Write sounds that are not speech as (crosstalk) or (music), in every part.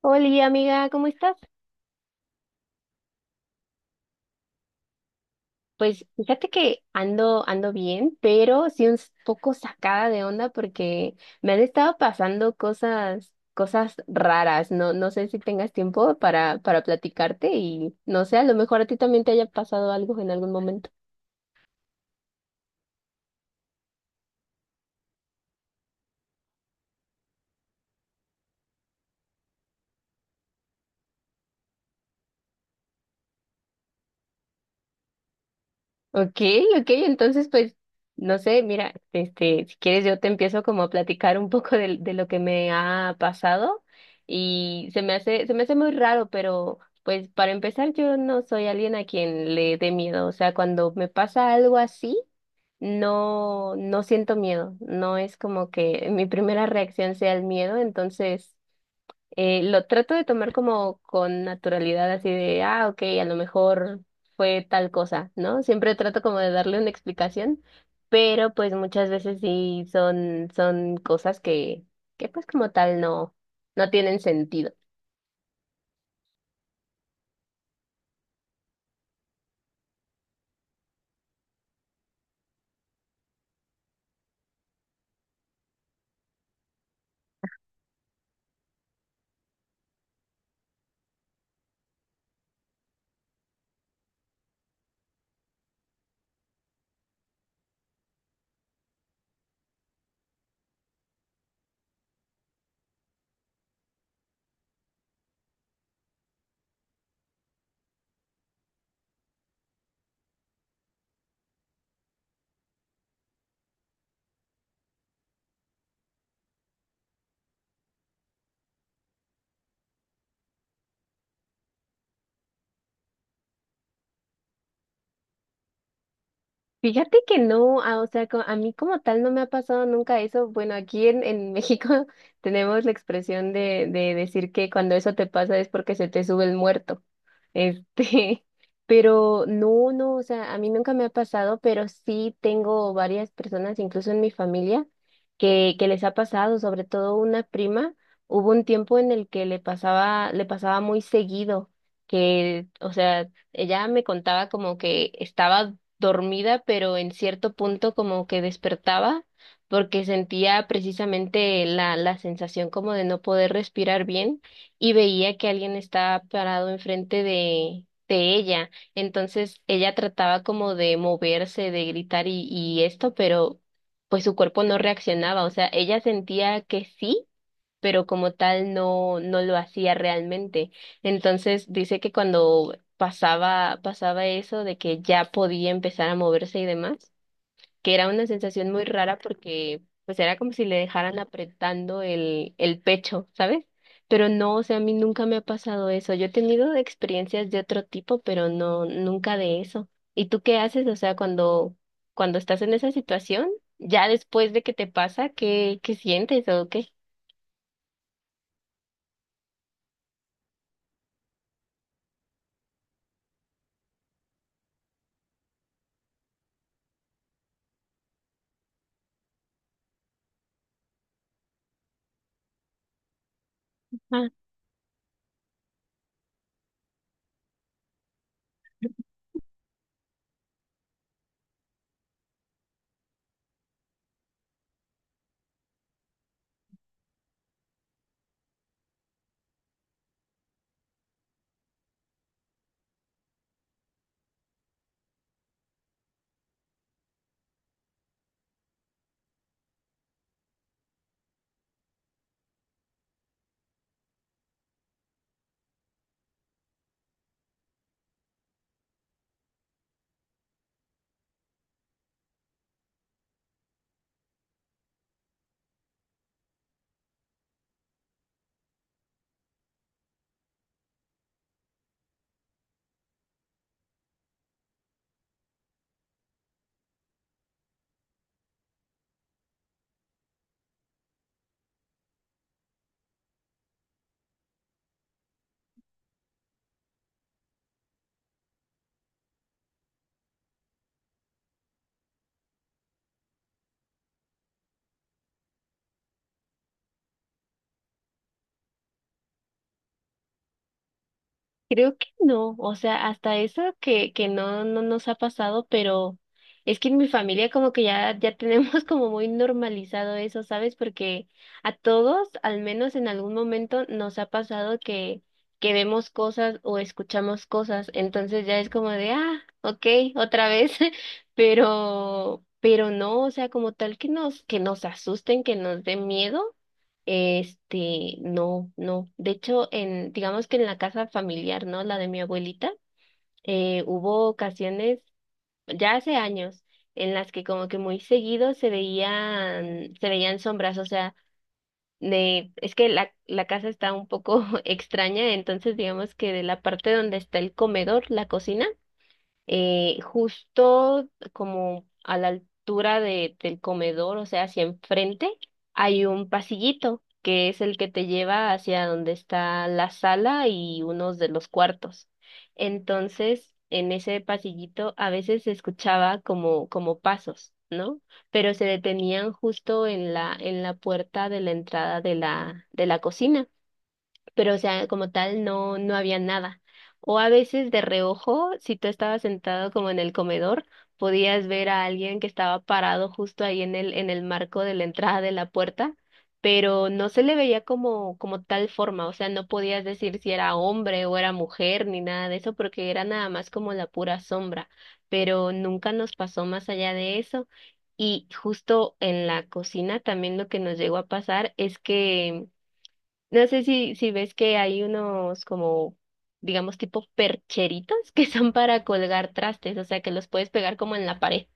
Hola, amiga, ¿cómo estás? Pues fíjate que ando bien, pero sí poco sacada de onda porque me han estado pasando cosas raras. No sé si tengas tiempo para platicarte y no sé, a lo mejor a ti también te haya pasado algo en algún momento. Ok, ok, entonces pues, no sé, mira, este, si quieres yo te empiezo como a platicar un poco de lo que me ha pasado y se me hace muy raro, pero pues para empezar yo no soy alguien a quien le dé miedo, o sea, cuando me pasa algo así, no siento miedo, no es como que mi primera reacción sea el miedo, entonces lo trato de tomar como con naturalidad, así de, ah, ok, a lo mejor fue tal cosa, ¿no? Siempre trato como de darle una explicación, pero pues muchas veces sí son cosas que pues como tal no tienen sentido. Fíjate que no, ah, o sea, a mí como tal no me ha pasado nunca eso. Bueno, aquí en México (laughs) tenemos la expresión de decir que cuando eso te pasa es porque se te sube el muerto. Este, (laughs) pero no, o sea, a mí nunca me ha pasado, pero sí tengo varias personas, incluso en mi familia, que les ha pasado, sobre todo una prima. Hubo un tiempo en el que le pasaba muy seguido, que, o sea, ella me contaba como que estaba dormida, pero en cierto punto como que despertaba porque sentía precisamente la sensación como de no poder respirar bien y veía que alguien estaba parado enfrente de ella. Entonces ella trataba como de moverse, de gritar y esto, pero pues su cuerpo no reaccionaba. O sea, ella sentía que sí, pero como tal no lo hacía realmente. Entonces dice que cuando pasaba eso de que ya podía empezar a moverse y demás, que era una sensación muy rara porque pues era como si le dejaran apretando el pecho, ¿sabes? Pero no, o sea, a mí nunca me ha pasado eso. Yo he tenido experiencias de otro tipo, pero no, nunca de eso. ¿Y tú qué haces? O sea, cuando estás en esa situación, ya después de que te pasa, qué sientes o qué? Creo que no, o sea, hasta eso que no, no nos ha pasado, pero es que en mi familia como que ya tenemos (laughs) como muy normalizado eso, ¿sabes? Porque a todos, al menos en algún momento, nos ha pasado que vemos cosas o escuchamos cosas, entonces ya es como de, ah, ok, otra vez, (laughs) pero no, o sea, como tal que que nos asusten, que nos den miedo. Este, no, no. De hecho, digamos que en la casa familiar, ¿no? La de mi abuelita, hubo ocasiones, ya hace años, en las que como que muy seguido se veían sombras, o sea, de, es que la casa está un poco (laughs) extraña, entonces digamos que de la parte donde está el comedor, la cocina, justo como a la altura del comedor, o sea, hacia enfrente, hay un pasillito que es el que te lleva hacia donde está la sala y unos de los cuartos. Entonces, en ese pasillito a veces se escuchaba como pasos, ¿no? Pero se detenían justo en la puerta de la entrada de la cocina, pero o sea, como tal no había nada. O a veces de reojo, si tú estabas sentado como en el comedor, podías ver a alguien que estaba parado justo ahí en el marco de la entrada de la puerta, pero no se le veía como, como tal forma, o sea, no podías decir si era hombre o era mujer ni nada de eso, porque era nada más como la pura sombra, pero nunca nos pasó más allá de eso. Y justo en la cocina también lo que nos llegó a pasar es que no sé si ves que hay unos como, digamos, tipo percheritos (laughs) que son para colgar trastes, o sea, que los puedes pegar como en la pared.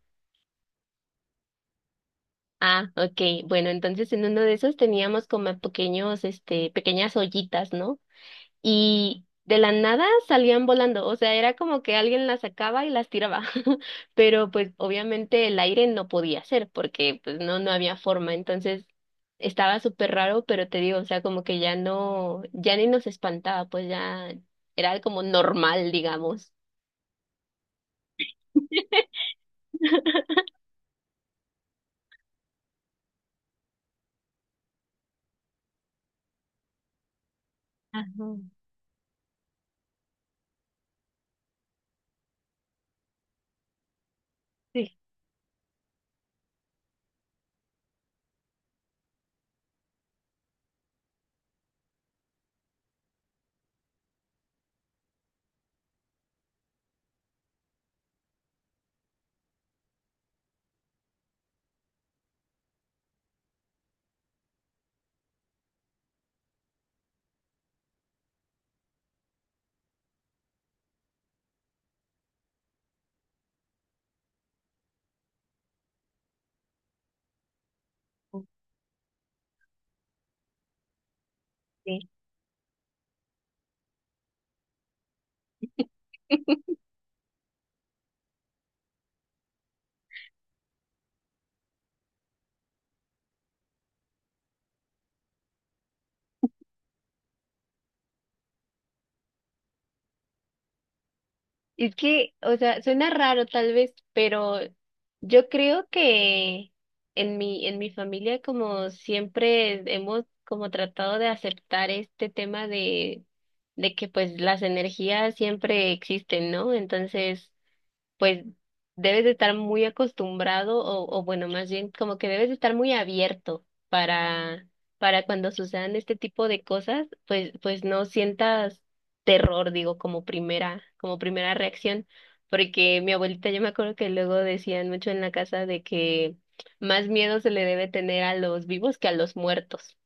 Ah, ok. Bueno, entonces en uno de esos teníamos como pequeños, este, pequeñas ollitas, ¿no? Y de la nada salían volando, o sea, era como que alguien las sacaba y las tiraba, (laughs) pero pues obviamente el aire no podía ser porque pues no había forma, entonces estaba súper raro, pero te digo, o sea, como que ya no, ya ni nos espantaba, pues ya era como normal, digamos. Ajá, sí. Ok. (laughs) Es que, o sea, suena raro tal vez, pero yo creo que en mi familia como siempre hemos como tratado de aceptar este tema de que pues las energías siempre existen, ¿no? Entonces, pues debes de estar muy acostumbrado o bueno, más bien como que debes de estar muy abierto para cuando sucedan este tipo de cosas, pues, pues no sientas terror, digo, como como primera reacción, porque mi abuelita yo me acuerdo que luego decían mucho en la casa de que más miedo se le debe tener a los vivos que a los muertos.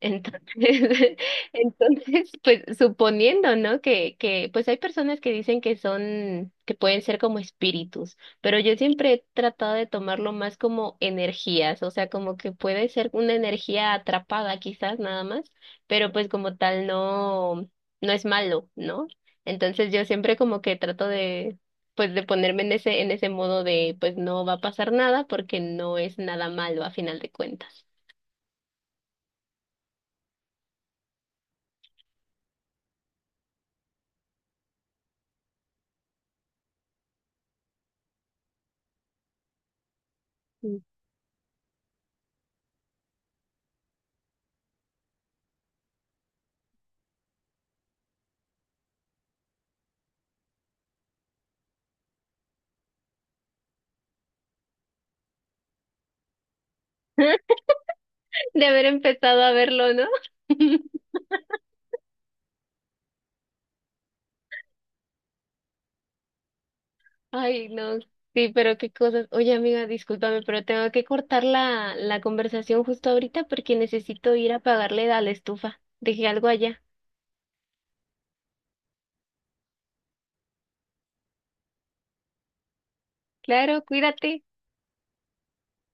Entonces, (laughs) entonces, pues suponiendo, ¿no? Pues hay personas que dicen que son, que pueden ser como espíritus, pero yo siempre he tratado de tomarlo más como energías, o sea, como que puede ser una energía atrapada quizás nada más, pero pues como tal no, no es malo, ¿no? Entonces yo siempre como que trato de, pues de ponerme en ese modo de, pues no va a pasar nada porque no es nada malo a final de cuentas. De haber empezado a verlo, ¿no? (laughs) Ay, no, sí, pero qué cosas. Oye, amiga, discúlpame, pero tengo que cortar la conversación justo ahorita porque necesito ir a pagarle a la estufa. Dejé algo allá. Claro, cuídate.